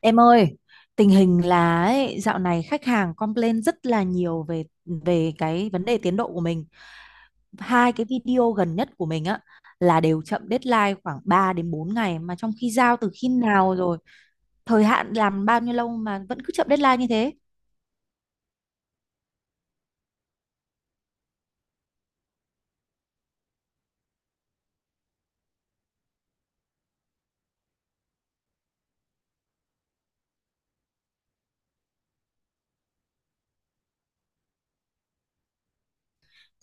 Em ơi, tình hình là ấy, dạo này khách hàng complain rất là nhiều về về cái vấn đề tiến độ của mình. Hai cái video gần nhất của mình á là đều chậm deadline khoảng 3 đến 4 ngày mà trong khi giao từ khi nào rồi, thời hạn làm bao nhiêu lâu mà vẫn cứ chậm deadline như thế.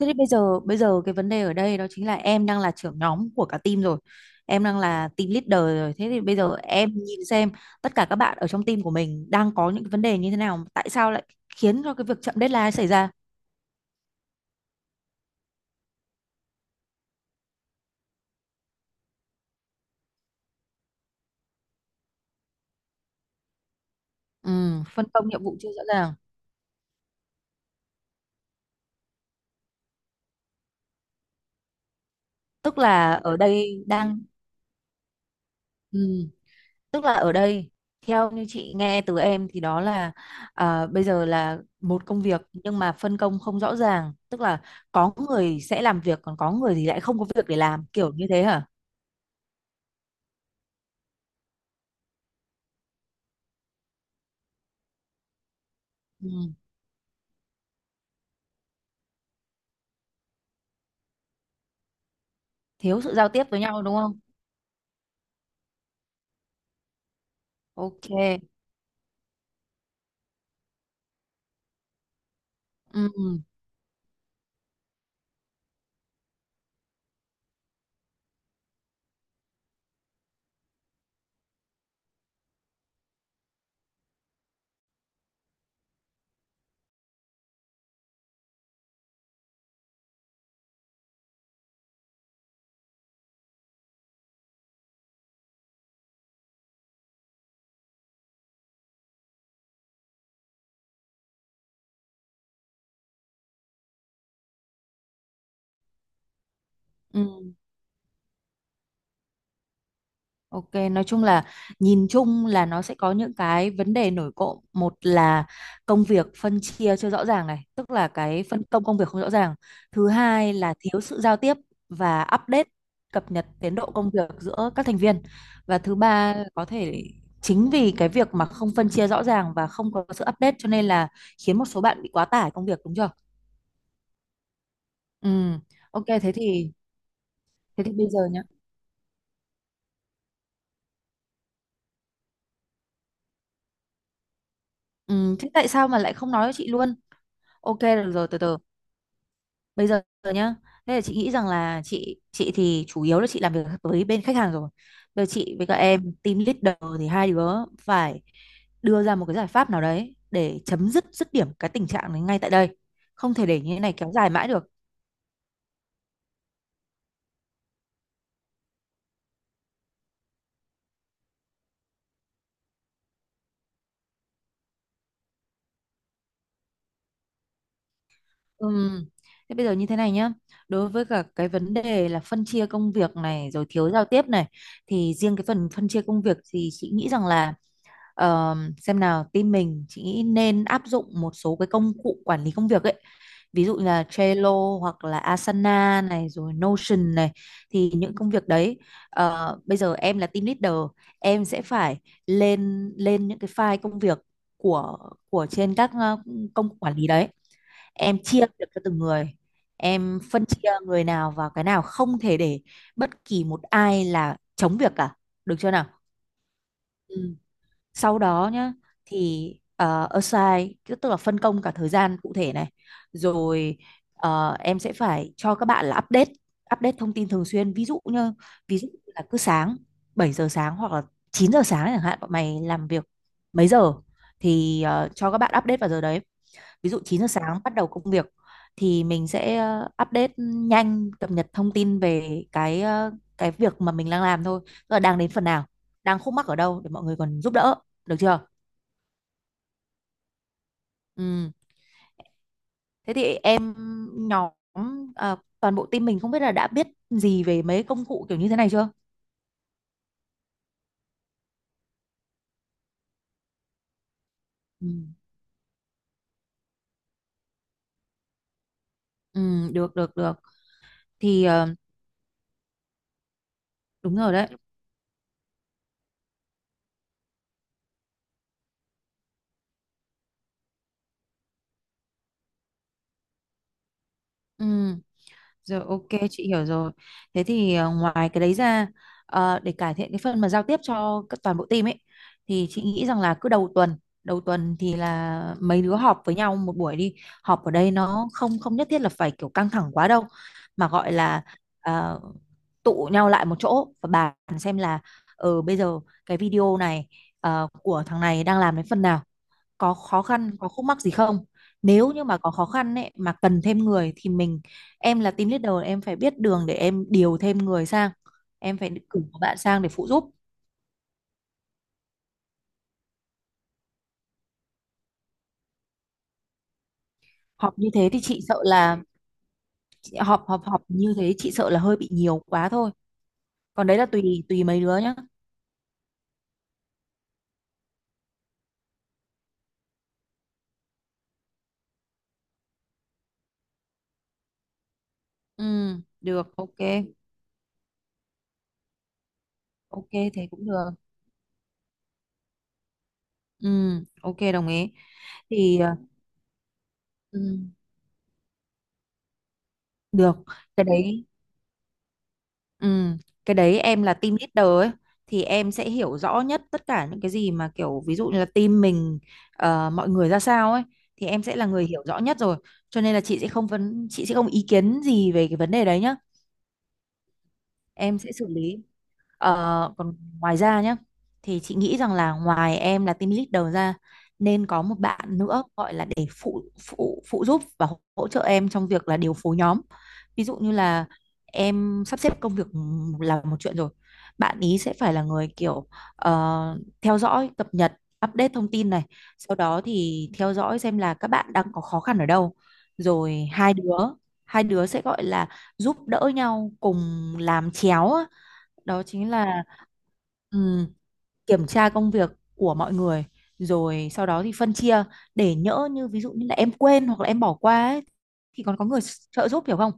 Thế thì bây giờ cái vấn đề ở đây đó chính là em đang là trưởng nhóm của cả team rồi. Em đang là team leader rồi. Thế thì bây giờ em nhìn xem tất cả các bạn ở trong team của mình đang có những cái vấn đề như thế nào, tại sao lại khiến cho cái việc chậm deadline xảy ra. Ừ, phân công nhiệm vụ chưa rõ ràng. Tức là ở đây đang ừ, Tức là ở đây theo như chị nghe từ em thì đó là bây giờ là một công việc nhưng mà phân công không rõ ràng, tức là có người sẽ làm việc còn có người thì lại không có việc để làm kiểu như thế hả? Ừ, thiếu sự giao tiếp với nhau đúng không? Ok. Ừ, ừ, ok. Nói chung là nhìn chung là nó sẽ có những cái vấn đề nổi cộm. Một là công việc phân chia chưa rõ ràng này, tức là cái phân công công việc không rõ ràng. Thứ hai là thiếu sự giao tiếp và update cập nhật tiến độ công việc giữa các thành viên. Và thứ ba có thể chính vì cái việc mà không phân chia rõ ràng và không có sự update cho nên là khiến một số bạn bị quá tải công việc đúng chưa? Ừ. Ok thế thì bây giờ nhá. Ừ, thế tại sao mà lại không nói với chị luôn? Ok được rồi từ từ. Bây giờ nhá. Thế là chị nghĩ rằng là chị thì chủ yếu là chị làm việc với bên khách hàng rồi. Bây giờ chị với các em team leader thì hai đứa phải đưa ra một cái giải pháp nào đấy để chấm dứt dứt điểm cái tình trạng này ngay tại đây. Không thể để như thế này kéo dài mãi được. Ừm, Thế bây giờ như thế này nhá. Đối với cả cái vấn đề là phân chia công việc này rồi thiếu giao tiếp này thì riêng cái phần phân chia công việc thì chị nghĩ rằng là xem nào, team mình chị nghĩ nên áp dụng một số cái công cụ quản lý công việc ấy, ví dụ như là Trello hoặc là Asana này rồi Notion này. Thì những công việc đấy, bây giờ em là team leader, em sẽ phải lên lên những cái file công việc của của trên các công cụ quản lý đấy. Em chia việc cho từng người, em phân chia người nào vào cái nào, không thể để bất kỳ một ai là chống việc cả, được chưa nào? Ừ, sau đó nhá thì assign, cứ tức là phân công cả thời gian cụ thể này rồi. Em sẽ phải cho các bạn là update update thông tin thường xuyên, ví dụ là cứ sáng, 7 giờ sáng hoặc là 9 giờ sáng chẳng hạn, bọn mày làm việc mấy giờ thì cho các bạn update vào giờ đấy. Ví dụ 9 giờ sáng bắt đầu công việc thì mình sẽ, update nhanh cập nhật thông tin về cái việc mà mình đang làm thôi, tức là đang đến phần nào, đang khúc mắc ở đâu để mọi người còn giúp đỡ, được chưa? Ừ. Thế thì nhóm toàn bộ team mình không biết là đã biết gì về mấy công cụ kiểu như thế này chưa. Ừ. Ừ, được được được thì đúng rồi đấy. Ừ. Rồi, ok chị hiểu rồi. Thế thì ngoài cái đấy ra, để cải thiện cái phần mà giao tiếp cho các toàn bộ team ấy thì chị nghĩ rằng là cứ đầu tuần thì là mấy đứa họp với nhau một buổi đi. Họp ở đây nó không, không nhất thiết là phải kiểu căng thẳng quá đâu mà gọi là, ờ, tụ nhau lại một chỗ và bàn xem là, ờ bây giờ cái video này, của thằng này đang làm đến phần nào, có khó khăn có khúc mắc gì không. Nếu như mà có khó khăn ấy mà cần thêm người thì mình, em là team leader em phải biết đường để em điều thêm người sang, em phải cử một bạn sang để phụ giúp. Họp như thế thì chị sợ là, chị- họp họp họp như thế chị sợ là hơi bị nhiều quá thôi, còn đấy là tùy tùy mấy đứa nhá. Ừ, được, ok, ok thế cũng được. Ừ, ok đồng ý thì ừ, được cái đấy. Ừ, cái đấy em là team leader ấy thì em sẽ hiểu rõ nhất tất cả những cái gì mà kiểu ví dụ như là team mình, mọi người ra sao ấy thì em sẽ là người hiểu rõ nhất rồi. Cho nên là chị sẽ không ý kiến gì về cái vấn đề đấy nhá. Em sẽ xử lý. Còn ngoài ra nhé thì chị nghĩ rằng là ngoài em là team leader ra, nên có một bạn nữa gọi là để phụ phụ phụ giúp và hỗ hỗ trợ em trong việc là điều phối nhóm. Ví dụ như là em sắp xếp công việc là một chuyện rồi, bạn ý sẽ phải là người kiểu, theo dõi cập nhật update thông tin này, sau đó thì theo dõi xem là các bạn đang có khó khăn ở đâu, rồi hai đứa sẽ gọi là giúp đỡ nhau cùng làm chéo. Đó chính là, ừm, kiểm tra công việc của mọi người rồi sau đó thì phân chia, để nhỡ như ví dụ như là em quên hoặc là em bỏ qua ấy, thì còn có người trợ giúp, hiểu không?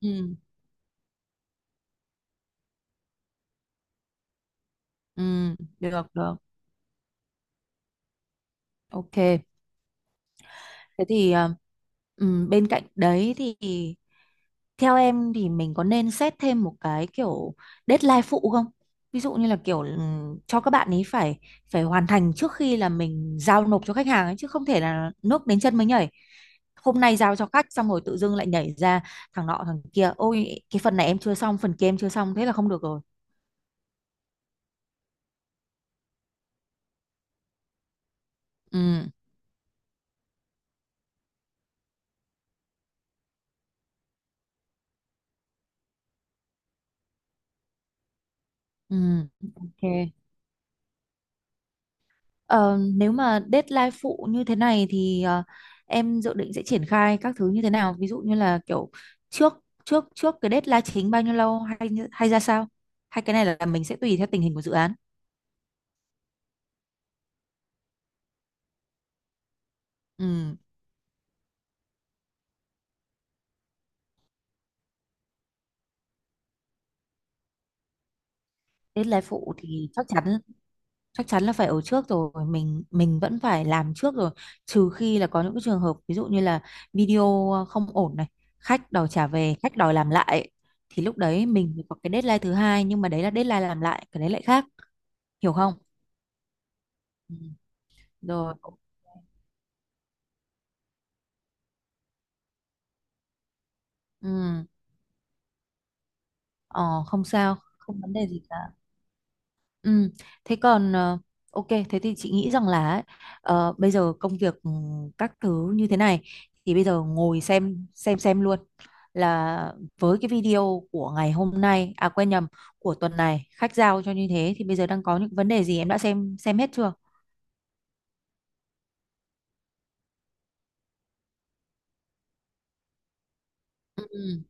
Ừ, ừ, được được, ok thế thì bên cạnh đấy thì, theo em thì mình có nên xét thêm một cái kiểu deadline phụ không? Ví dụ như là kiểu cho các bạn ấy phải, phải hoàn thành trước khi là mình giao nộp cho khách hàng ấy, chứ không thể là nước đến chân mới nhảy. Hôm nay giao cho khách xong rồi tự dưng lại nhảy ra thằng nọ thằng kia, ôi cái phần này em chưa xong, phần kia em chưa xong, thế là không được rồi. Ừ, ừ, ok. Ờ, Nếu mà deadline phụ như thế này thì em dự định sẽ triển khai các thứ như thế nào? Ví dụ như là kiểu trước trước trước cái deadline chính bao nhiêu lâu hay hay ra sao? Hay cái này là mình sẽ tùy theo tình hình của dự án. Ừ, deadline phụ thì chắc chắn, là phải ở trước rồi, mình vẫn phải làm trước rồi, trừ khi là có những cái trường hợp ví dụ như là video không ổn này, khách đòi trả về, khách đòi làm lại, thì lúc đấy mình mới có cái deadline thứ hai, nhưng mà đấy là deadline làm lại, cái đấy lại khác, hiểu không? Ừ. Rồi, ừ, ờ không sao, không vấn đề gì cả. Ừ, thế còn, ok thế thì chị nghĩ rằng là ấy, bây giờ công việc, các thứ như thế này, thì bây giờ ngồi xem luôn là với cái video của ngày hôm nay, à quên nhầm, của tuần này khách giao cho như thế thì bây giờ đang có những vấn đề gì em đã xem hết chưa. Ừ,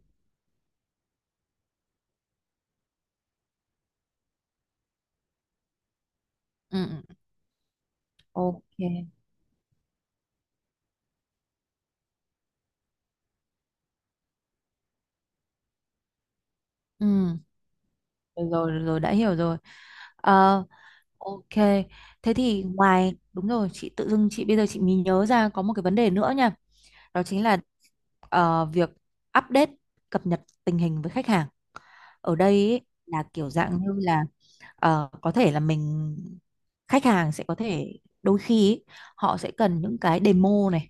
ừ, ừ, ok, ừ, rồi rồi rồi, đã hiểu rồi. Ờ, Ok, thế thì ngoài, đúng rồi, chị tự dưng chị bây giờ chị mới nhớ ra có một cái vấn đề nữa nha. Đó chính là, việc update cập nhật tình hình với khách hàng. Ở đây ý, là kiểu dạng như là, có thể là khách hàng sẽ có thể đôi khi ý, họ sẽ cần những cái demo này,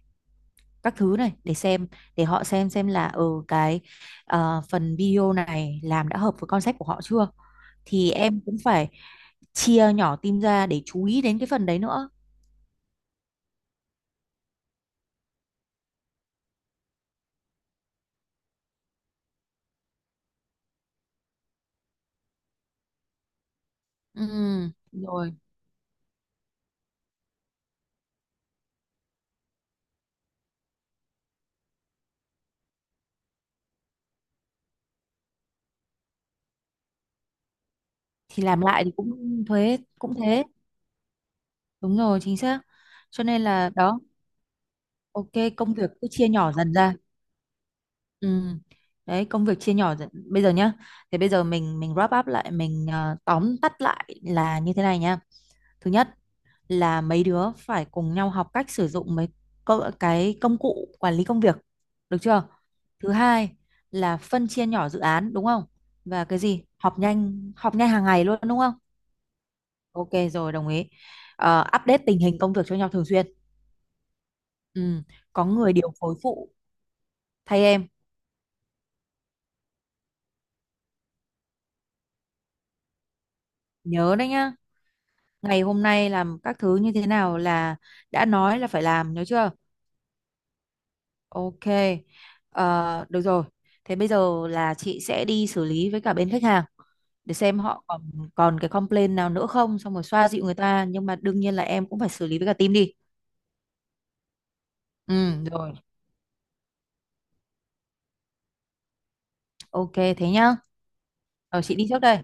các thứ này để xem, để họ xem là ở cái, phần video này làm đã hợp với concept của họ chưa, thì em cũng phải chia nhỏ team ra để chú ý đến cái phần đấy nữa. Ừ, rồi thì làm lại thì cũng thuế cũng thế, đúng rồi chính xác, cho nên là đó, ok, công việc cứ chia nhỏ dần ra. Ừ, đấy công việc chia nhỏ dần bây giờ nhá, thì bây giờ mình wrap up lại mình, tóm tắt lại là như thế này nhá. Thứ nhất là mấy đứa phải cùng nhau học cách sử dụng mấy cái công cụ quản lý công việc, được chưa? Thứ hai là phân chia nhỏ dự án, đúng không? Và cái gì họp nhanh, hàng ngày luôn, đúng không? Ok rồi đồng ý. Update tình hình công việc cho nhau thường xuyên. Ừ. Có người điều phối phụ thay em, nhớ đấy nhá, ngày hôm nay làm các thứ như thế nào là đã nói là phải làm, nhớ chưa? Ok, ờ, được rồi. Thế bây giờ là chị sẽ đi xử lý với cả bên khách hàng để xem họ còn, cái complaint nào nữa không, xong rồi xoa dịu người ta. Nhưng mà đương nhiên là em cũng phải xử lý với cả team đi. Ừ, rồi. Ok, thế nhá. Rồi chị đi trước đây.